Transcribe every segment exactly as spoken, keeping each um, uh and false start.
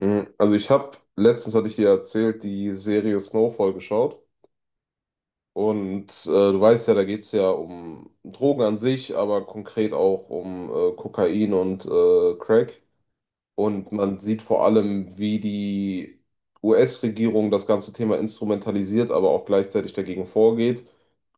Mhm. Also ich habe, letztens hatte ich dir erzählt, die Serie Snowfall geschaut. Und äh, du weißt ja, da geht es ja um Drogen an sich, aber konkret auch um äh, Kokain und äh, Crack. Und man sieht vor allem, wie die U S-Regierung das ganze Thema instrumentalisiert, aber auch gleichzeitig dagegen vorgeht.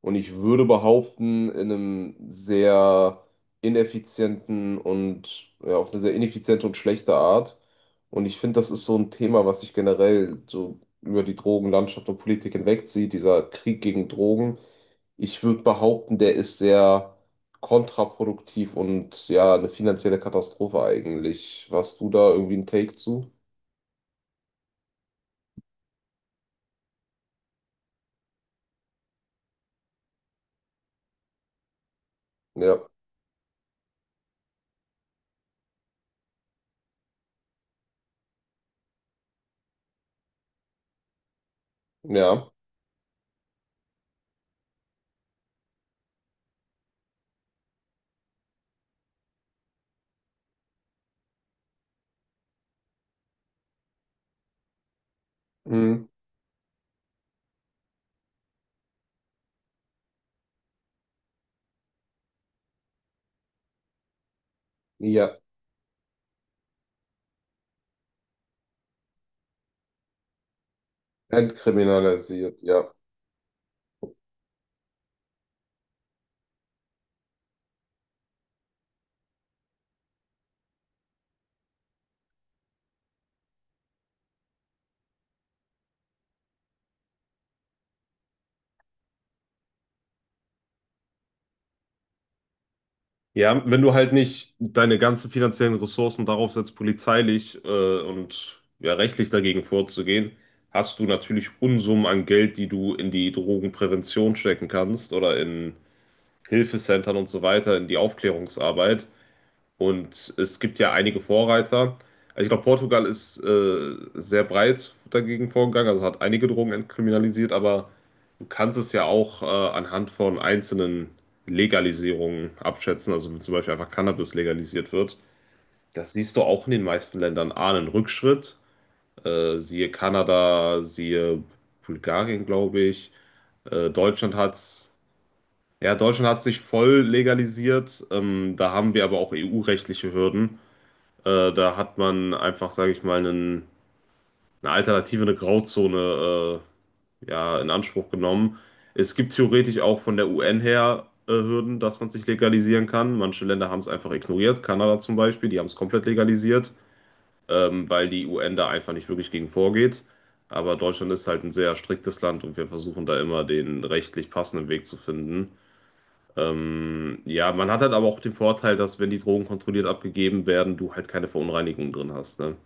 Und ich würde behaupten, in einem sehr ineffizienten und ja, auf eine sehr ineffiziente und schlechte Art. Und ich finde, das ist so ein Thema, was sich generell so über die Drogenlandschaft und Politik hinwegzieht, dieser Krieg gegen Drogen. Ich würde behaupten, der ist sehr kontraproduktiv und ja, eine finanzielle Katastrophe eigentlich. Warst du da irgendwie ein Take zu? Ja, ja, mhm. Ja, entkriminalisiert, ja. Ja, wenn du halt nicht deine ganzen finanziellen Ressourcen darauf setzt, polizeilich äh, und ja, rechtlich dagegen vorzugehen, hast du natürlich Unsummen an Geld, die du in die Drogenprävention stecken kannst oder in Hilfecentern und so weiter, in die Aufklärungsarbeit. Und es gibt ja einige Vorreiter. Also ich glaube, Portugal ist äh, sehr breit dagegen vorgegangen, also hat einige Drogen entkriminalisiert, aber du kannst es ja auch äh, anhand von einzelnen Legalisierungen abschätzen, also wenn zum Beispiel einfach Cannabis legalisiert wird. Das siehst du auch in den meisten Ländern. A, einen Rückschritt, äh, siehe Kanada, siehe Bulgarien, glaube ich. Äh, Deutschland hat's, ja, Deutschland hat sich voll legalisiert. Ähm, da haben wir aber auch E U-rechtliche Hürden. Äh, da hat man einfach, sage ich mal, einen, eine Alternative, eine Grauzone äh, ja, in Anspruch genommen. Es gibt theoretisch auch von der U N her äh, Hürden, dass man sich legalisieren kann. Manche Länder haben es einfach ignoriert, Kanada zum Beispiel, die haben es komplett legalisiert, ähm, weil die U N da einfach nicht wirklich gegen vorgeht. Aber Deutschland ist halt ein sehr striktes Land und wir versuchen da immer den rechtlich passenden Weg zu finden. Ähm, ja, man hat halt aber auch den Vorteil, dass wenn die Drogen kontrolliert abgegeben werden, du halt keine Verunreinigungen drin hast, ne?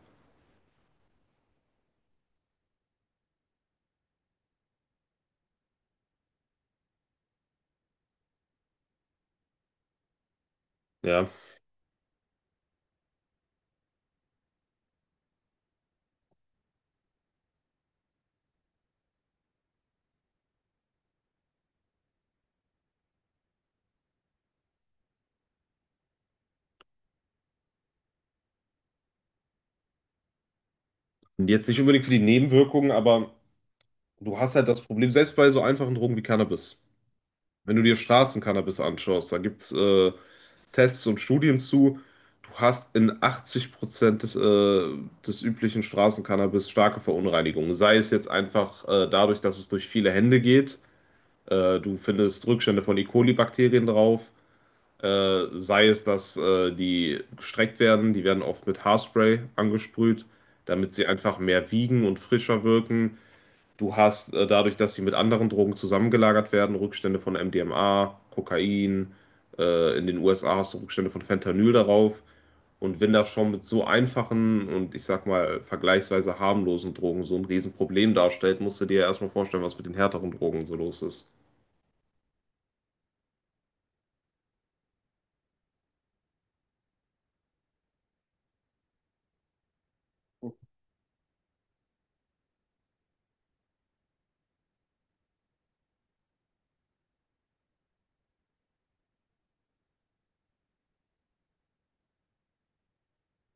Ja. Und jetzt nicht unbedingt für die Nebenwirkungen, aber du hast halt das Problem, selbst bei so einfachen Drogen wie Cannabis. Wenn du dir Straßencannabis anschaust, da gibt es äh, Tests und Studien zu. Du hast in achtzig Prozent des, äh, des üblichen Straßencannabis starke Verunreinigungen. Sei es jetzt einfach äh, dadurch, dass es durch viele Hände geht. Äh, du findest Rückstände von E. coli-Bakterien drauf. Äh, sei es, dass äh, die gestreckt werden. Die werden oft mit Haarspray angesprüht, damit sie einfach mehr wiegen und frischer wirken. Du hast äh, dadurch, dass sie mit anderen Drogen zusammengelagert werden, Rückstände von M D M A, Kokain. Äh, in den U S A hast du Rückstände von Fentanyl darauf. Und wenn das schon mit so einfachen und ich sag mal vergleichsweise harmlosen Drogen so ein Riesenproblem darstellt, musst du dir ja erstmal vorstellen, was mit den härteren Drogen so los ist.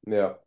Ja.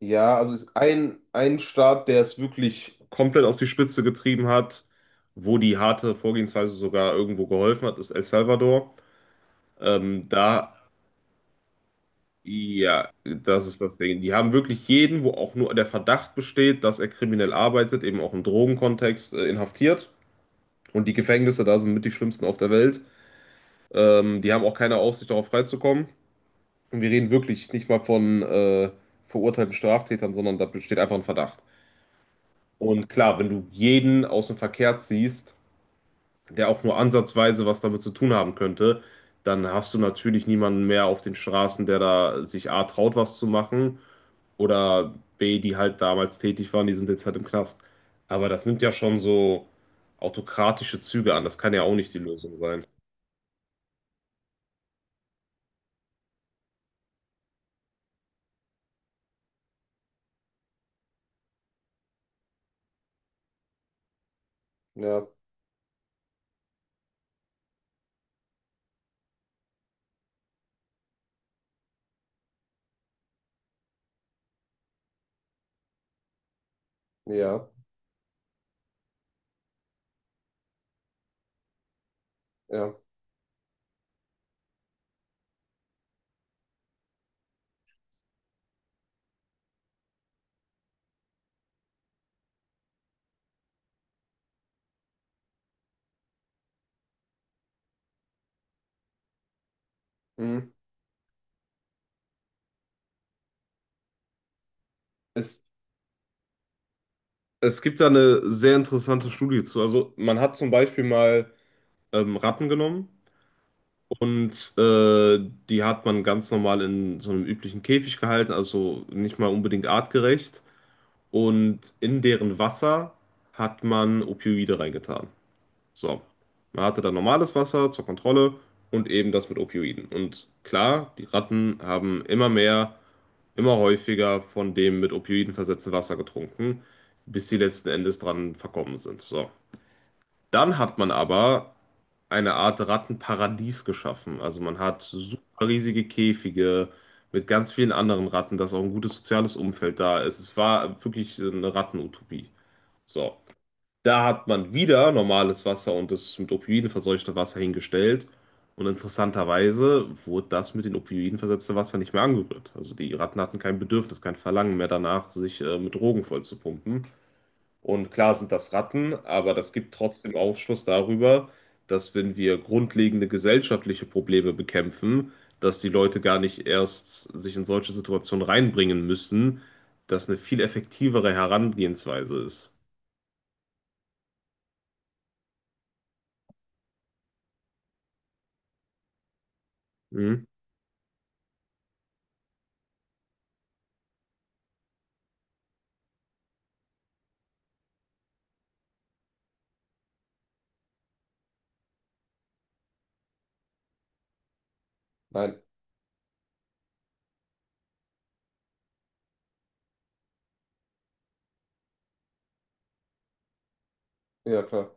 Ja, also ist ein, ein Staat, der es wirklich komplett auf die Spitze getrieben hat, wo die harte Vorgehensweise sogar irgendwo geholfen hat, ist El Salvador. Ähm, da Ja, das ist das Ding. Die haben wirklich jeden, wo auch nur der Verdacht besteht, dass er kriminell arbeitet, eben auch im Drogenkontext, äh, inhaftiert. Und die Gefängnisse da sind mit die schlimmsten auf der Welt. Ähm, die haben auch keine Aussicht darauf freizukommen. Und wir reden wirklich nicht mal von äh, verurteilten Straftätern, sondern da besteht einfach ein Verdacht. Und klar, wenn du jeden aus dem Verkehr ziehst, der auch nur ansatzweise was damit zu tun haben könnte, dann hast du natürlich niemanden mehr auf den Straßen, der da sich A traut, was zu machen. Oder B, die halt damals tätig waren, die sind jetzt halt im Knast. Aber das nimmt ja schon so autokratische Züge an. Das kann ja auch nicht die Lösung sein. Ja, ja, ja. Mhm. Es, es gibt da eine sehr interessante Studie zu. Also man hat zum Beispiel mal ähm, Ratten genommen und äh, die hat man ganz normal in so einem üblichen Käfig gehalten, also nicht mal unbedingt artgerecht. Und in deren Wasser hat man Opioide reingetan. So, man hatte dann normales Wasser zur Kontrolle und eben das mit Opioiden. Und klar, die Ratten haben immer mehr, immer häufiger von dem mit Opioiden versetzten Wasser getrunken, bis sie letzten Endes dran verkommen sind. So, dann hat man aber eine Art Rattenparadies geschaffen. Also man hat super riesige Käfige mit ganz vielen anderen Ratten, dass auch ein gutes soziales Umfeld da ist. Es war wirklich eine Rattenutopie. So. Da hat man wieder normales Wasser und das mit Opioiden verseuchte Wasser hingestellt. Und interessanterweise wurde das mit den Opioiden versetzte Wasser nicht mehr angerührt. Also die Ratten hatten kein Bedürfnis, kein Verlangen mehr danach, sich äh, mit Drogen vollzupumpen. Und klar sind das Ratten, aber das gibt trotzdem Aufschluss darüber, dass wenn wir grundlegende gesellschaftliche Probleme bekämpfen, dass die Leute gar nicht erst sich in solche Situationen reinbringen müssen, dass eine viel effektivere Herangehensweise ist. Hm? Nein. Ja, klar.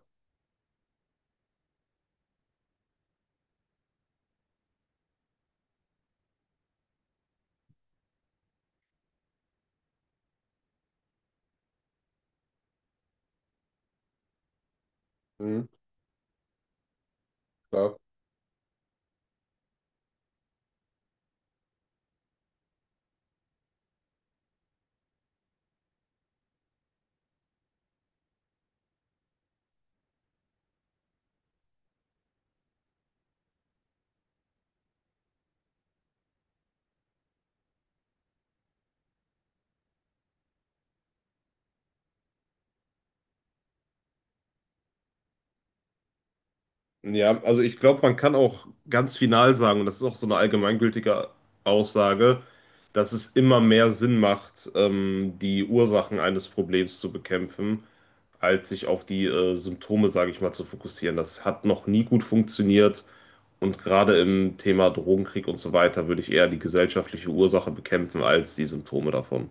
Mhm, klar. Ja, also ich glaube, man kann auch ganz final sagen, und das ist auch so eine allgemeingültige Aussage, dass es immer mehr Sinn macht, ähm, die Ursachen eines Problems zu bekämpfen, als sich auf die äh, Symptome, sage ich mal, zu fokussieren. Das hat noch nie gut funktioniert. Und gerade im Thema Drogenkrieg und so weiter würde ich eher die gesellschaftliche Ursache bekämpfen als die Symptome davon.